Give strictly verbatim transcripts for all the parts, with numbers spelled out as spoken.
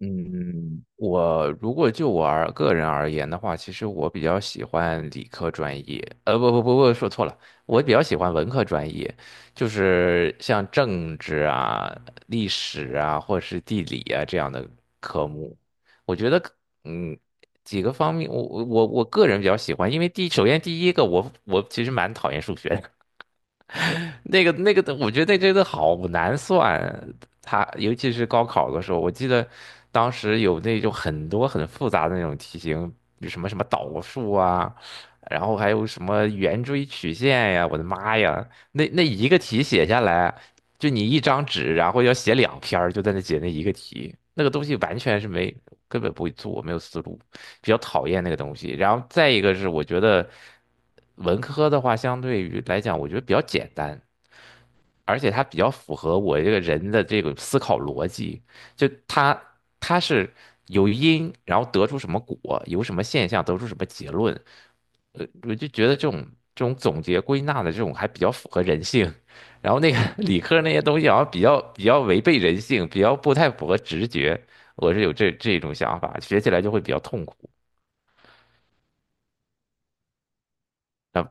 嗯，我如果就我而个人而言的话，其实我比较喜欢理科专业，呃，不不不不，说错了，我比较喜欢文科专业，就是像政治啊、历史啊，或者是地理啊这样的科目，我觉得，嗯，几个方面，我我我我个人比较喜欢，因为第首先第一个，我我其实蛮讨厌数学的，那个那个，我觉得那真的好难算。它尤其是高考的时候，我记得当时有那种很多很复杂的那种题型，比什么什么导数啊，然后还有什么圆锥曲线呀，我的妈呀，那那一个题写下来，就你一张纸，然后要写两篇儿就在那解那一个题，那个东西完全是没，根本不会做，没有思路。比较讨厌那个东西。然后再一个是，我觉得文科的话，相对于来讲，我觉得比较简单，而且它比较符合我这个人的这个思考逻辑。就它它是有因，然后得出什么果，有什么现象，得出什么结论。呃，我就觉得这种这种总结归纳的这种还比较符合人性。然后那个 理科那些东西好像比较比较违背人性，比较不太符合直觉。我是有这这种想法，学起来就会比较痛苦。啊，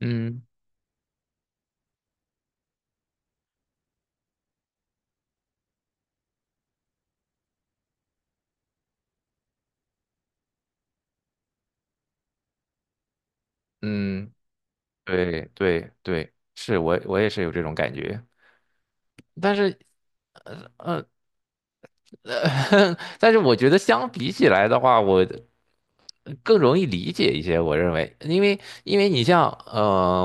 嗯。嗯，对对对，是我我也是有这种感觉，但是呃，但是我觉得相比起来的话，我更容易理解一些。我认为，因为因为你像呃，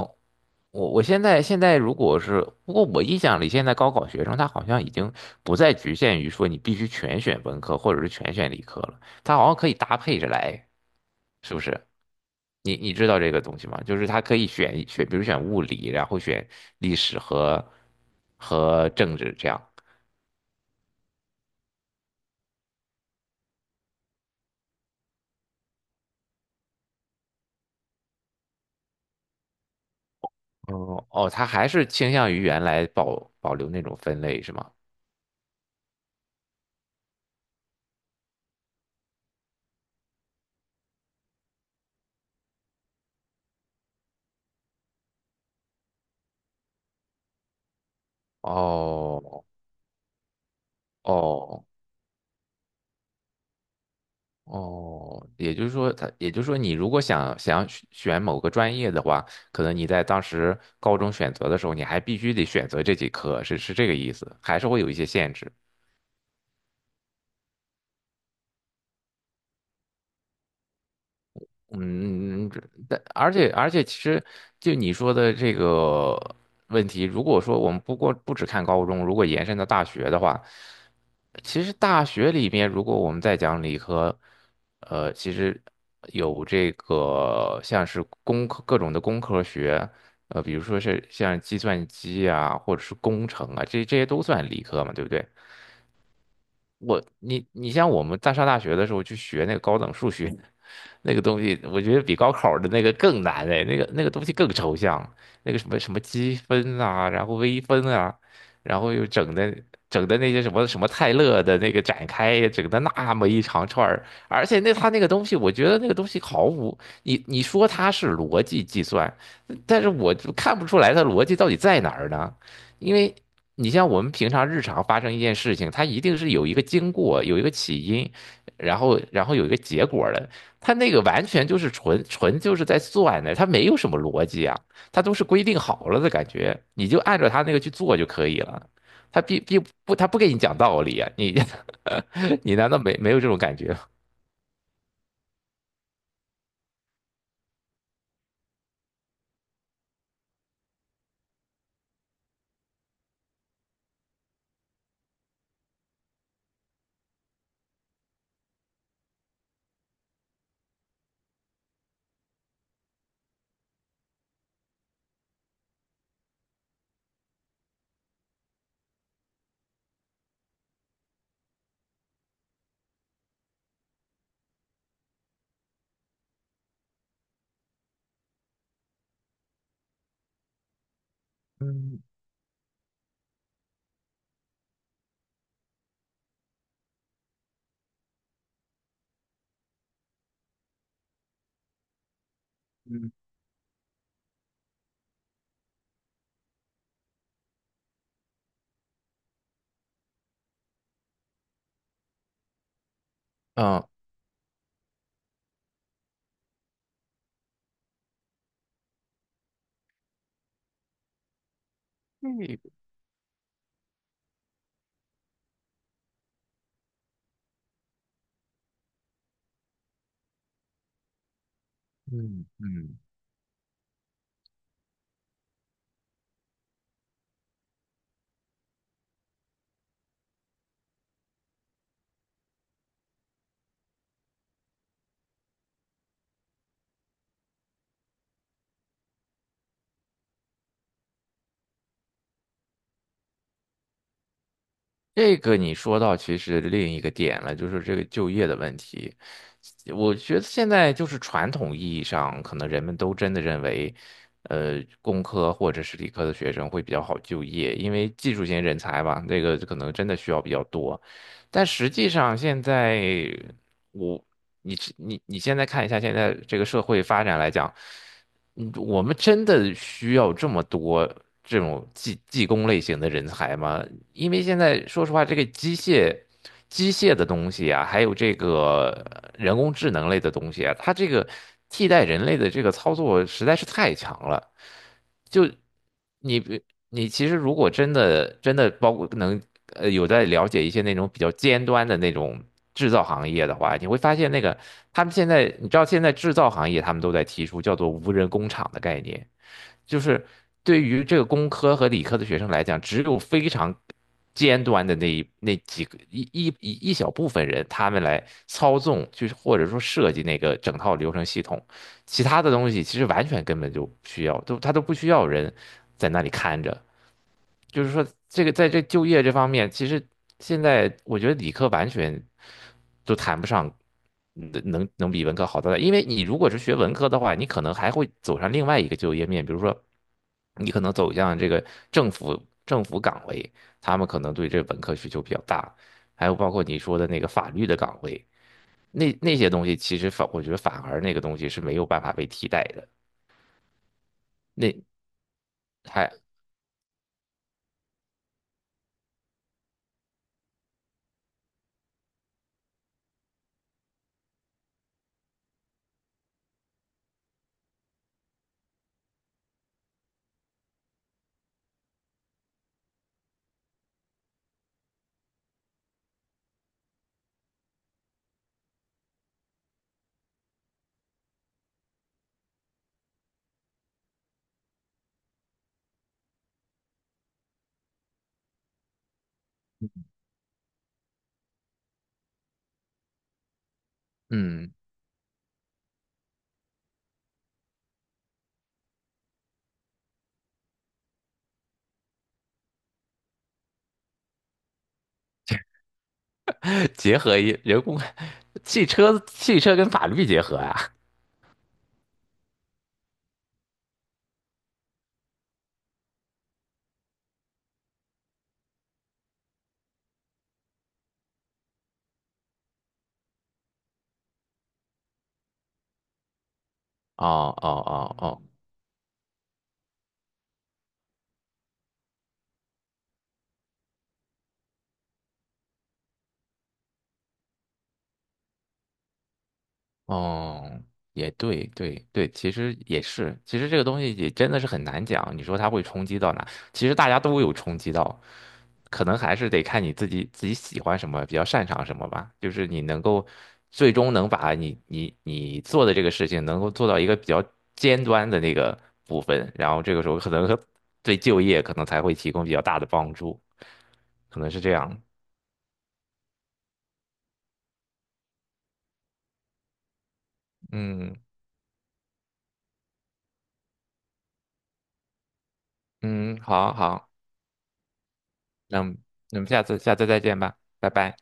我我现在现在如果是，不过我印象里现在高考学生他好像已经不再局限于说你必须全选文科或者是全选理科了，他好像可以搭配着来，是不是？你你知道这个东西吗？就是他可以选选，比如选物理，然后选历史和和政治这样。哦哦，他还是倾向于原来保保留那种分类是吗？哦哦哦，也就是说他，也就是说，你如果想想选选某个专业的话，可能你在当时高中选择的时候，你还必须得选择这几科，是是这个意思，还是会有一些限制。嗯，这但而且而且，其实就你说的这个问题，如果说我们不过不只看高中，如果延伸到大学的话，其实大学里面，如果我们再讲理科，呃，其实有这个像是工科各种的工科学，呃，比如说是像计算机啊，或者是工程啊，这这些都算理科嘛，对不对？我你你像我们在上大学的时候去学那个高等数学，那个东西，我觉得比高考的那个更难哎，那个那个东西更抽象，那个什么什么积分啊，然后微分啊，然后又整的整的那些什么什么泰勒的那个展开，整的那么一长串儿，而且那他那个东西，我觉得那个东西毫无你你说它是逻辑计算，但是我就看不出来它逻辑到底在哪儿呢，因为。你像我们平常日常发生一件事情，它一定是有一个经过，有一个起因，然后然后有一个结果的。他那个完全就是纯纯就是在算的，他没有什么逻辑啊，他都是规定好了的感觉，你就按照他那个去做就可以了。他并并不，他不给你讲道理啊，你 你难道没没有这种感觉吗？嗯嗯嗯，这个嗯嗯，这个你说到其实另一个点了，就是这个就业的问题。我觉得现在就是传统意义上，可能人们都真的认为，呃，工科或者是理科的学生会比较好就业，因为技术型人才吧，那个可能真的需要比较多。但实际上现在我你你你现在看一下现在这个社会发展来讲，嗯，我们真的需要这么多这种技技工类型的人才吗？因为现在说实话，这个机械、机械的东西啊，还有这个呃人工智能类的东西啊，它这个替代人类的这个操作实在是太强了。就你比你其实如果真的真的包括能呃有在了解一些那种比较尖端的那种制造行业的话，你会发现那个他们现在你知道现在制造行业他们都在提出叫做无人工厂的概念。就是对于这个工科和理科的学生来讲，只有非常尖端的那一那几个一一一一小部分人，他们来操纵，就是或者说设计那个整套流程系统，其他的东西其实完全根本就不需要，都他都不需要人在那里看着。就是说，这个在这就业这方面，其实现在我觉得理科完全都谈不上。能能能比文科好到哪？因为你如果是学文科的话，你可能还会走上另外一个就业面，比如说你可能走向这个政府政府岗位，他们可能对这本科需求比较大，还有包括你说的那个法律的岗位，那那些东西其实反我觉得反而那个东西是没有办法被替代的，那还嗯，结合一人工汽车汽车跟法律结合啊，哦哦哦哦。哦，也对，对对，其实也是，其实这个东西也真的是很难讲。你说它会冲击到哪？其实大家都有冲击到，可能还是得看你自己自己喜欢什么，比较擅长什么吧。就是你能够最终能把你你你做的这个事情能够做到一个比较尖端的那个部分，然后这个时候可能和对就业可能才会提供比较大的帮助，可能是这样。嗯嗯，好好，那我们那我们下次下次再见吧，拜拜。